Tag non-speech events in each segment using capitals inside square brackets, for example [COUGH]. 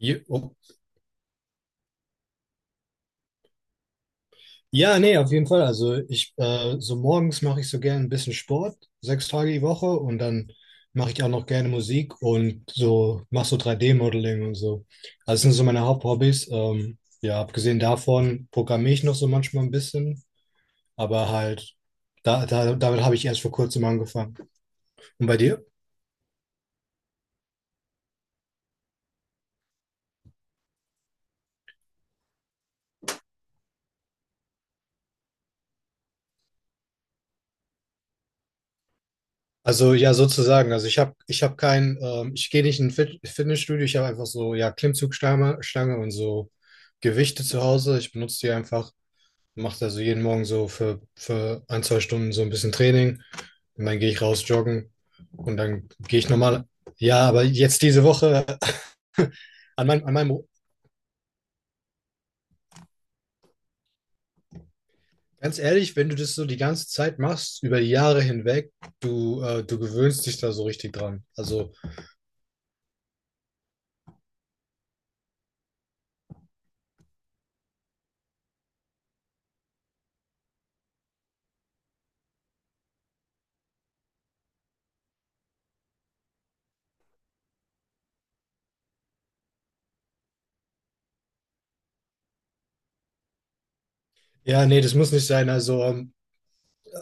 Oh. Ja, nee, auf jeden Fall. Also ich, so morgens mache ich so gerne ein bisschen Sport, 6 Tage die Woche und dann mache ich auch noch gerne Musik und so mache so 3D-Modeling und so. Also das sind so meine Haupthobbys. Ja, abgesehen davon programmiere ich noch so manchmal ein bisschen, aber halt damit habe ich erst vor kurzem angefangen. Und bei dir? Also ja, sozusagen. Also ich hab kein, ich gehe nicht in ein Fitnessstudio. Ich habe einfach so, ja, Klimmzugstange Stange und so Gewichte zu Hause. Ich benutze die einfach, mache also jeden Morgen so für ein, zwei Stunden so ein bisschen Training und dann gehe ich raus joggen und dann gehe ich normal. Ja, aber jetzt diese Woche, [LAUGHS] an meinem, an meinem, ganz ehrlich, wenn du das so die ganze Zeit machst, über die Jahre hinweg, du gewöhnst dich da so richtig dran. Also ja, nee, das muss nicht sein.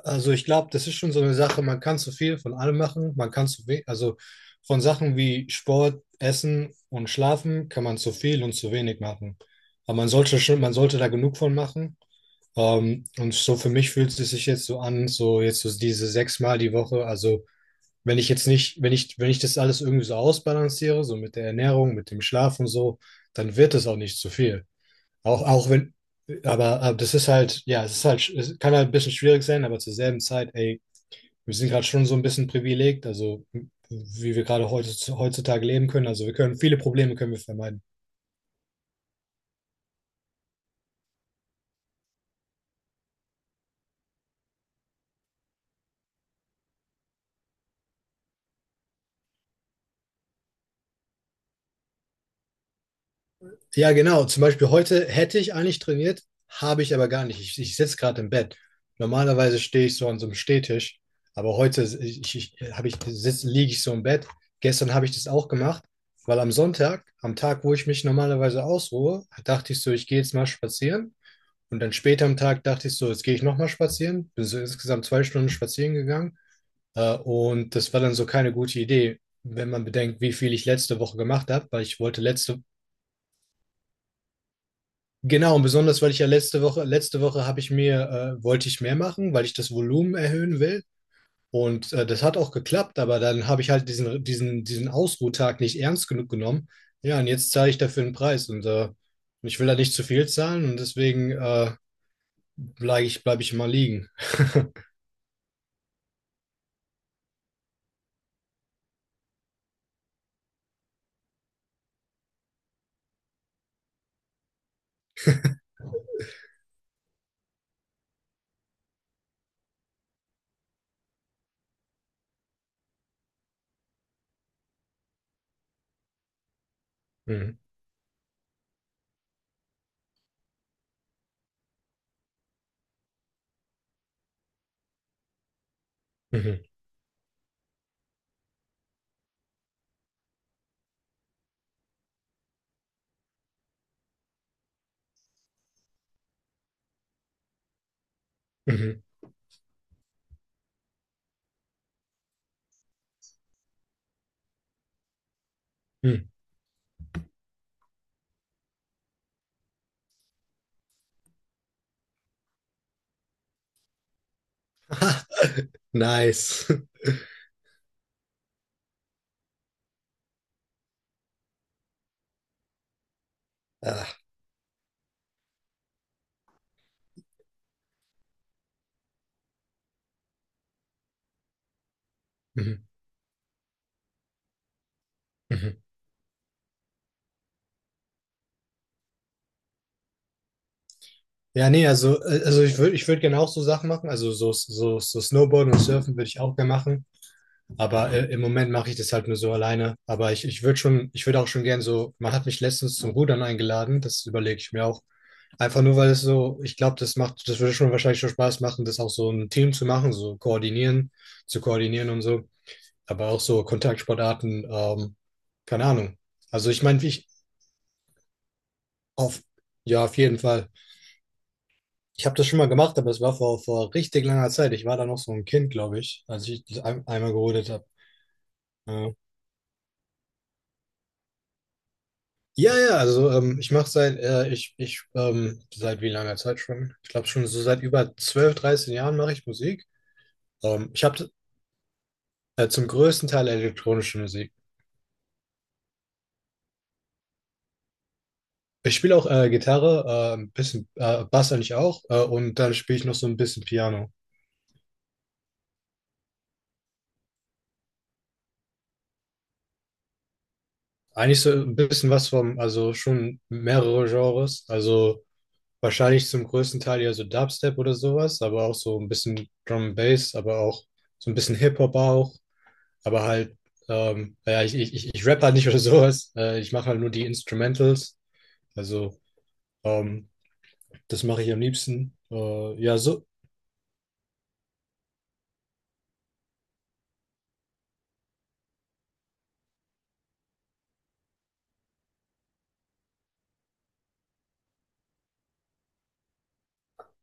Also ich glaube, das ist schon so eine Sache, man kann zu viel von allem machen, man kann zu wenig, also von Sachen wie Sport, Essen und Schlafen kann man zu viel und zu wenig machen. Aber man sollte schon, man sollte da genug von machen. Und so für mich fühlt es sich jetzt so an, so jetzt so diese 6 Mal die Woche. Also wenn ich jetzt nicht, wenn ich das alles irgendwie so ausbalanciere, so mit der Ernährung, mit dem Schlaf und so, dann wird es auch nicht zu viel. Auch, auch wenn, aber das ist halt, ja, es kann halt ein bisschen schwierig sein, aber zur selben Zeit, ey, wir sind gerade schon so ein bisschen privilegiert, also wie wir gerade heutzutage leben können. Also wir können viele Probleme können wir vermeiden. Ja, genau. Zum Beispiel heute hätte ich eigentlich trainiert, habe ich aber gar nicht. Ich sitze gerade im Bett. Normalerweise stehe ich so an so einem Stehtisch, aber heute ich, ich, habe ich, sitz, liege ich so im Bett. Gestern habe ich das auch gemacht, weil am Sonntag, am Tag, wo ich mich normalerweise ausruhe, dachte ich so, ich gehe jetzt mal spazieren. Und dann später am Tag dachte ich so, jetzt gehe ich nochmal spazieren. Bin so insgesamt 2 Stunden spazieren gegangen. Und das war dann so keine gute Idee, wenn man bedenkt, wie viel ich letzte Woche gemacht habe, weil ich wollte letzte, genau, und besonders, weil ich ja letzte Woche habe ich mir, wollte ich mehr machen, weil ich das Volumen erhöhen will. Und das hat auch geklappt, aber dann habe ich halt diesen Ausruhtag nicht ernst genug genommen. Ja, und jetzt zahle ich dafür einen Preis ich will da nicht zu viel zahlen und deswegen bleib ich mal liegen. Mhm. Mhm. Mhm. Mhm. [LAUGHS] Nice. [LAUGHS] Ah. Mhm. Mhm. Ja, nee, also ich würd gerne auch so Sachen machen. Also so Snowboarden und Surfen würde ich auch gerne machen. Aber im Moment mache ich das halt nur so alleine. Aber ich würde schon, ich würde auch schon gern so, man hat mich letztens zum Rudern eingeladen, das überlege ich mir auch. Einfach nur, weil es so, ich glaube, das macht, das würde schon wahrscheinlich schon Spaß machen, das auch so ein Team zu machen, so koordinieren, zu koordinieren und so. Aber auch so Kontaktsportarten, keine Ahnung. Also ich meine, wie ich auf, ja, auf jeden Fall. Ich habe das schon mal gemacht, aber es war vor richtig langer Zeit. Ich war da noch so ein Kind, glaube ich, als ich das einmal gerodet habe. Ja. Ja, ja, also ich mache seit, seit wie langer Zeit schon? Ich glaube schon so seit über 12, 13 Jahren mache ich Musik. Ich habe zum größten Teil elektronische Musik. Ich spiele auch Gitarre, ein bisschen Bass eigentlich auch, und dann spiele ich noch so ein bisschen Piano. Eigentlich so ein bisschen was vom, also schon mehrere Genres. Also wahrscheinlich zum größten Teil ja so Dubstep oder sowas, aber auch so ein bisschen Drum and Bass, aber auch so ein bisschen Hip-Hop auch, aber halt, ja, ich rapp halt nicht oder sowas. Ich mache halt nur die Instrumentals. Also, ähm, das mache ich am liebsten. Ja, so.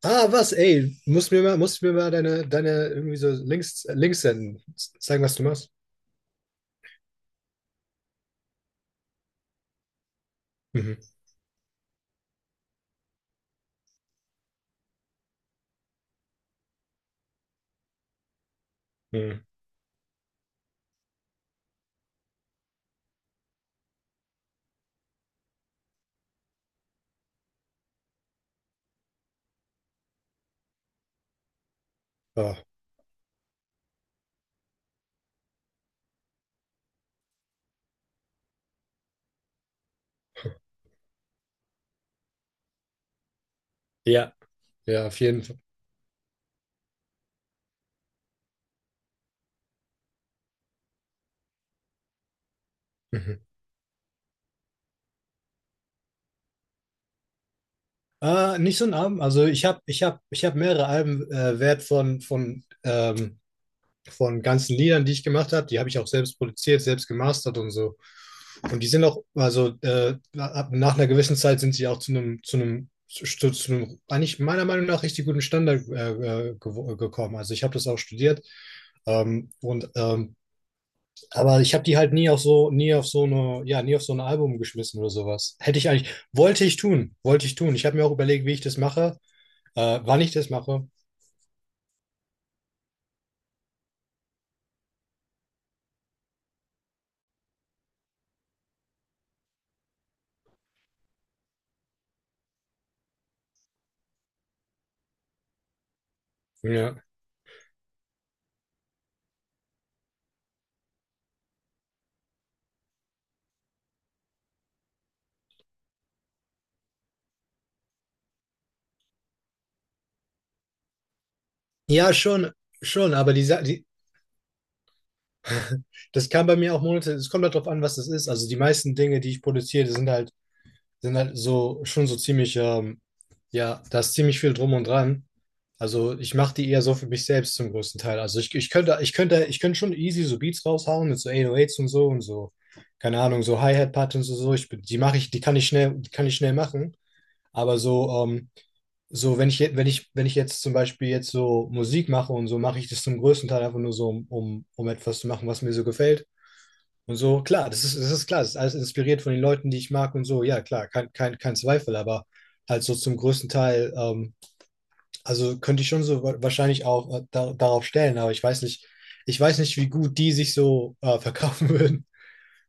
Ah, was, ey, musst mir mal deine irgendwie so Links senden. Zeigen, was du machst. Mhm. Mhm. Ah, ja, ja, auf jeden Fall. Nicht so ein Album. Also ich hab mehrere Alben wert von ganzen Liedern, die ich gemacht habe. Die habe ich auch selbst produziert, selbst gemastert und so. Und die sind auch, also nach einer gewissen Zeit sind sie auch zu einem eigentlich meiner Meinung nach richtig guten Standard gekommen. Also ich habe das auch studiert. Ähm, und ähm, aber ich habe die halt nie auf so nie auf so eine ja nie auf so ein Album geschmissen oder sowas. Hätte ich eigentlich wollte ich tun, wollte ich tun. Ich habe mir auch überlegt, wie ich das mache. Wann ich das mache? Ja, ja schon, aber die, das kann bei mir auch Monate, es kommt halt drauf an, was das ist. Also die meisten Dinge, die ich produziere, die sind halt so, schon so ziemlich, ja, da ist ziemlich viel drum und dran. Also ich mache die eher so für mich selbst zum größten Teil. Also ich könnte schon easy so Beats raushauen mit so 808s und so, keine Ahnung, so Hi-Hat-Patterns und so. Die mache ich, die kann ich schnell machen. Aber so, so, wenn ich, je- wenn ich, wenn ich jetzt zum Beispiel jetzt so Musik mache und so, mache ich das zum größten Teil einfach nur so, um etwas zu machen, was mir so gefällt. Und so, klar, das ist klar, das ist alles inspiriert von den Leuten, die ich mag und so, ja, klar, kein Zweifel, aber halt so zum größten Teil, also könnte ich schon so wahrscheinlich auch, darauf stellen, aber ich weiß nicht, wie gut die sich so verkaufen [LAUGHS] würden,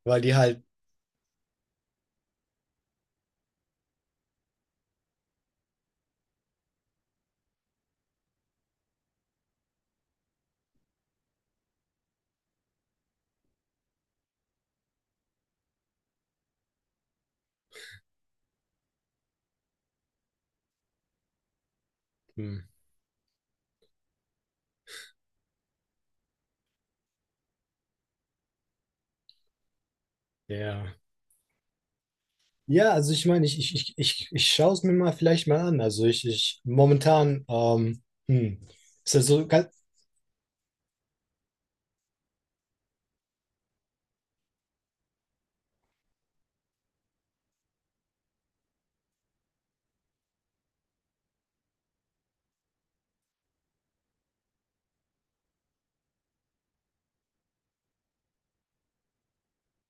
weil die halt, hm, ja. Ja, also ich meine, ich schaue es mir mal vielleicht mal an. Also ich momentan, ist das so ganz,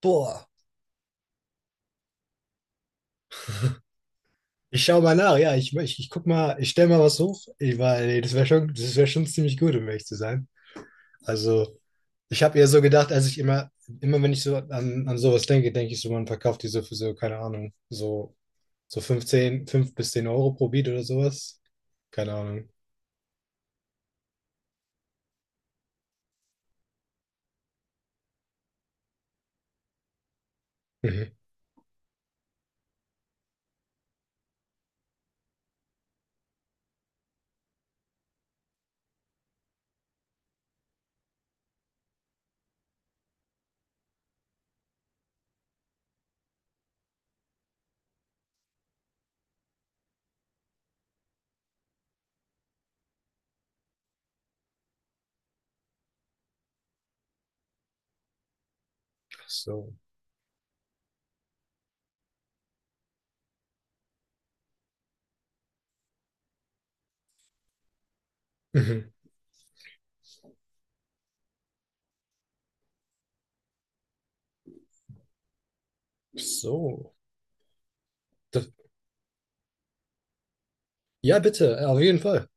boah, ich schaue mal nach, ja, ich guck mal, ich stelle mal was hoch, ich, weil das wäre schon ziemlich gut, um ehrlich zu sein. Also ich habe eher so gedacht, als ich immer, immer wenn ich so an, sowas denke, denke ich so, man verkauft die so für so, keine Ahnung, so 5 bis 10 Euro pro Beat oder sowas. Keine Ahnung. Mhm. So. Mhm. So. Das, ja, bitte, auf jeden Fall.